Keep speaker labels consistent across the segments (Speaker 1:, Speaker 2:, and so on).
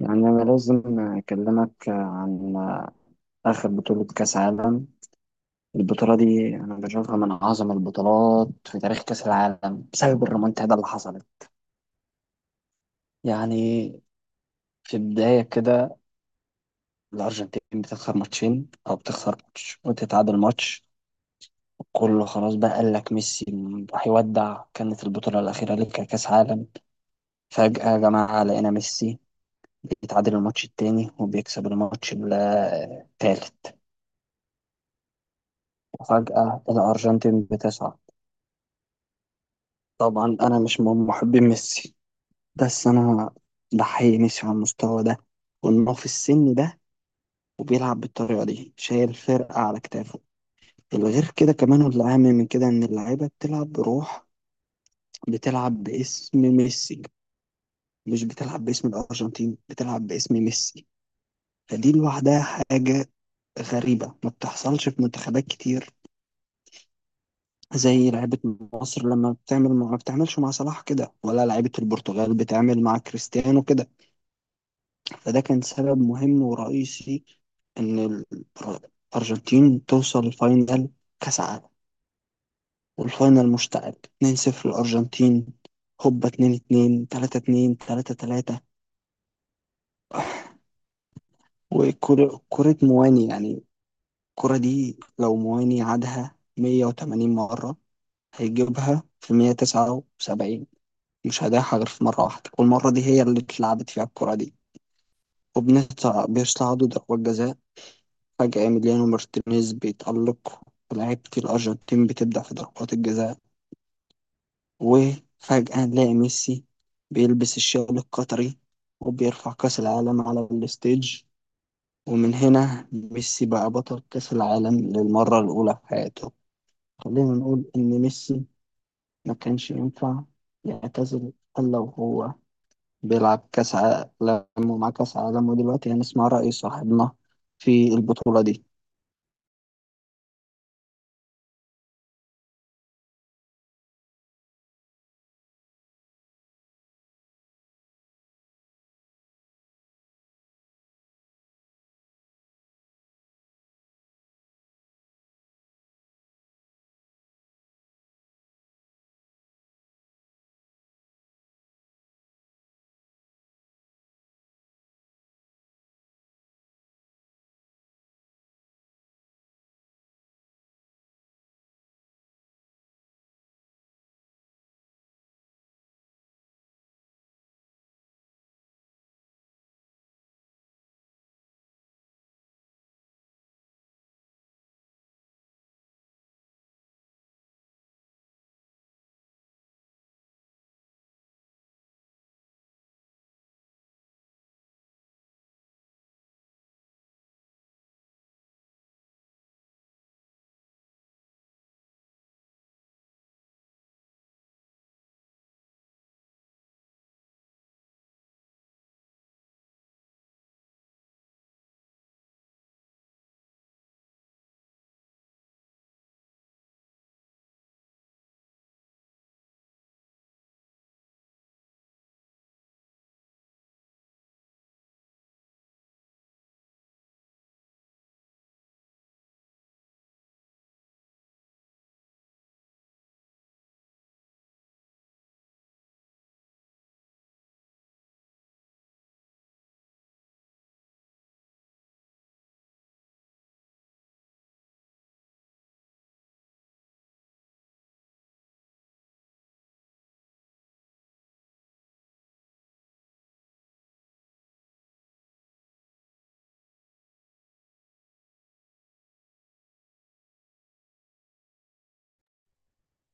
Speaker 1: يعني أنا لازم أكلمك عن آخر بطولة كأس عالم. البطولة دي أنا بشوفها من أعظم البطولات في تاريخ كأس العالم بسبب الريمونتادا اللي حصلت. يعني في البداية كده الأرجنتين بتخسر ماتشين، أو بتخسر ماتش وتتعادل ماتش. كله خلاص بقى قال لك ميسي هيودع، كانت البطولة الأخيرة لك كأس عالم. فجأة يا جماعة لقينا ميسي بيتعادل الماتش التاني وبيكسب الماتش التالت، وفجأة الأرجنتين بتصعد. طبعا أنا مش من محبين ميسي، بس أنا بحيي ميسي على المستوى ده، وإنه في السن ده وبيلعب بالطريقة دي شايل فرقة على كتافه. الغير كده كمان والأهم من كده إن اللعيبة بتلعب بروح، بتلعب باسم ميسي، مش بتلعب باسم الأرجنتين، بتلعب باسم ميسي. فدي لوحدها حاجة غريبة ما بتحصلش في منتخبات كتير، زي لعيبة مصر لما بتعمل ما بتعملش مع صلاح كده، ولا لعيبة البرتغال بتعمل مع كريستيانو كده. فده كان سبب مهم ورئيسي إن الأر- الأرجنتين توصل لفاينل كأس عالم. والفاينل مشتعل، 2-0 الأرجنتين، هوبا 2-2، 3-2، 3-3. وكرة كرة مواني، يعني الكرة دي لو مواني عادها 180 مرة هيجيبها في 179، مش هيضيعها غير في مرة واحدة، والمرة دي هي اللي اتلعبت فيها الكرة دي. وبنطلع بيصعدوا ضربات جزاء. فجأة إيميليانو مارتينيز بيتألق، ولاعيبة الأرجنتين بتبدع في ضربات الجزاء. وفجأة نلاقي ميسي بيلبس الشال القطري وبيرفع كأس العالم على الستيج. ومن هنا ميسي بقى بطل كأس العالم للمرة الأولى في حياته. خلينا نقول إن ميسي ما كانش ينفع يعتزل إلا وهو بيلعب كأس عالم ومعاه كأس عالم. ودلوقتي هنسمع رأي صاحبنا في البطولة دي.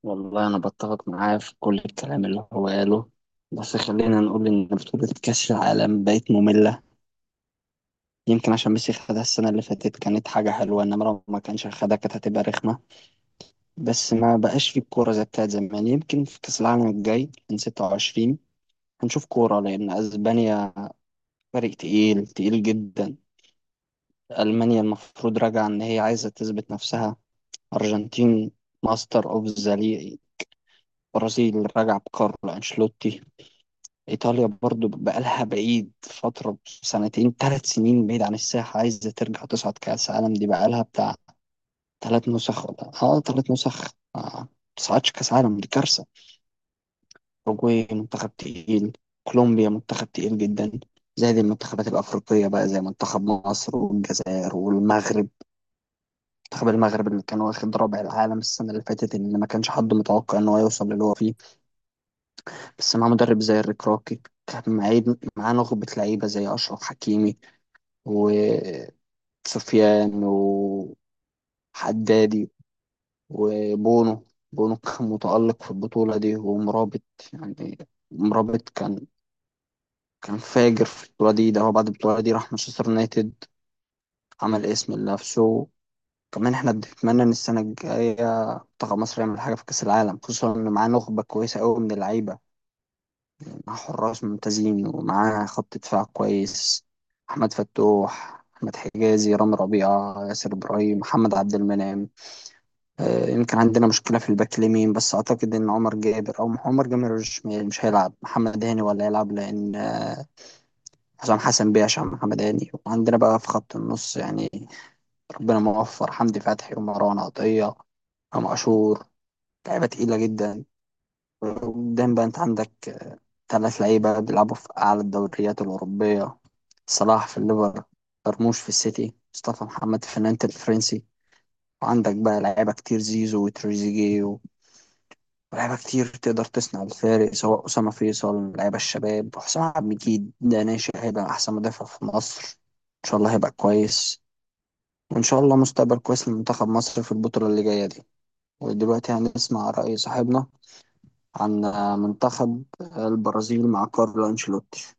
Speaker 1: والله أنا بتفق معاه في كل الكلام اللي هو قاله، بس خلينا نقول إن بطولة كأس العالم بقت مملة. يمكن عشان ميسي خدها السنة اللي فاتت كانت حاجة حلوة، إنما لو ما كانش خدها كانت هتبقى رخمة. بس ما بقاش في الكورة زي بتاعت زمان. يمكن في كأس العالم الجاي من 26 هنشوف كورة، لأن أسبانيا فريق تقيل تقيل جدا. ألمانيا المفروض راجعة إن هي عايزة تثبت نفسها. أرجنتين ماستر أوف ذا. برازيل راجعة بكارلو أنشيلوتي. إيطاليا برضو بقالها بعيد فترة سنتين 3 سنين بعيد عن الساحة، عايزة ترجع تصعد. كأس عالم دي بقالها بتاع ثلاث نسخ، ولا ثلاث نسخ. ما تصعدش كأس عالم دي كارثة. أوروجواي منتخب تقيل. كولومبيا منتخب تقيل جدا. زائد المنتخبات الأفريقية بقى زي منتخب مصر والجزائر والمغرب. منتخب المغرب اللي كان واخد رابع العالم السنة اللي فاتت، اللي ما كانش حد متوقع إن هو يوصل للي هو فيه، بس مع مدرب زي الريك راكي. كان معاه نخبة لعيبة زي أشرف حكيمي وسفيان وحدادي وبونو. بونو كان متألق في البطولة دي، ومرابط يعني، مرابط كان فاجر في البطولة دي. ده هو بعد البطولة دي راح مانشستر يونايتد عمل اسم لنفسه. كمان احنا بنتمنى ان السنة الجاية منتخب مصر يعمل حاجة في كأس العالم، خصوصا ان معاه نخبة كويسة قوي من اللعيبة، مع حراس ممتازين ومعاه خط دفاع كويس. أحمد فتوح، أحمد حجازي، رامي ربيعة، ياسر إبراهيم، محمد عبد المنعم. يمكن عندنا مشكلة في الباك اليمين، بس أعتقد إن عمر جابر أو عمر جابر مش هيلعب. محمد هاني ولا هيلعب، لأن حسام حسن بيعش عن محمد هاني. وعندنا بقى في خط النص يعني ربنا موفر حمدي فتحي ومروان عطية، أم عاشور، لعيبة تقيلة جدا. قدام بقى أنت عندك ثلاث لعيبة بيلعبوا في أعلى الدوريات الأوروبية: صلاح في الليفر، مرموش في السيتي، مصطفى محمد في نانت الفرنسي. وعندك بقى لعيبة كتير، زيزو وتريزيجيه، ولعيبة كتير تقدر تصنع الفارق سواء أسامة فيصل لعيبة الشباب، وحسام عبد المجيد ده ناشئ هيبقى أحسن مدافع في مصر إن شاء الله، هيبقى كويس. وإن شاء الله مستقبل كويس لمنتخب مصر في البطولة اللي جاية دي. ودلوقتي هنسمع رأي صاحبنا عن منتخب البرازيل مع كارلو أنشيلوتي.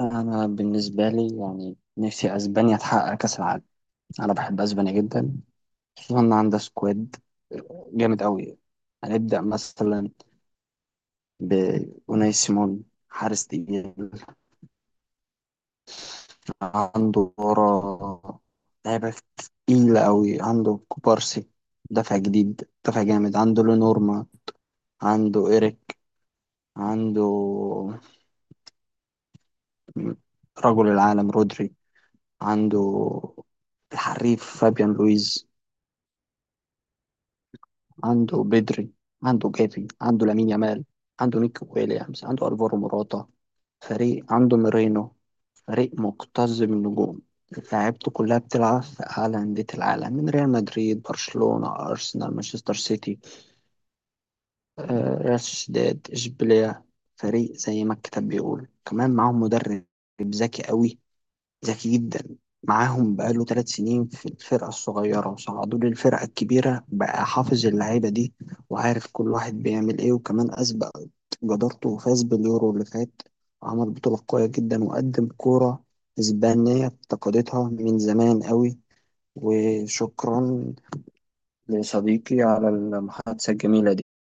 Speaker 1: أنا بالنسبة لي يعني نفسي أسبانيا تحقق كأس العالم. أنا بحب أسبانيا جدا، خصوصا إن عندها سكواد جامد أوي. هنبدأ مثلا بأوناي سيمون، حارس تقيل. عنده ورا لعيبة تقيلة أوي، عنده كوبارسي دفع جديد دفع جامد، عنده لونورما، عنده إيريك، عنده رجل العالم رودري، عنده الحريف فابيان لويز، عنده بدري، عنده جافي، عنده لامين يامال، عنده نيكو ويليامز، عنده الفارو موراتا. فريق عنده ميرينو. فريق مكتظ بالنجوم، لعيبته كلها بتلعب في أعلى أندية العالم من ريال مدريد، برشلونة، أرسنال، مانشستر سيتي، ريال سوسيداد، إشبيلية. فريق زي ما الكتاب بيقول. كمان معاهم مدرب ذكي قوي، ذكي جدا. معاهم بقاله 3 سنين في الفرقة الصغيرة وصعدوا للفرقة الكبيرة، بقى حافظ اللعيبة دي وعارف كل واحد بيعمل ايه. وكمان أثبت جدارته وفاز باليورو اللي فات، وعمل بطولة قوية جدا وقدم كورة إسبانية افتقدتها من زمان قوي. وشكرا لصديقي على المحادثة الجميلة دي.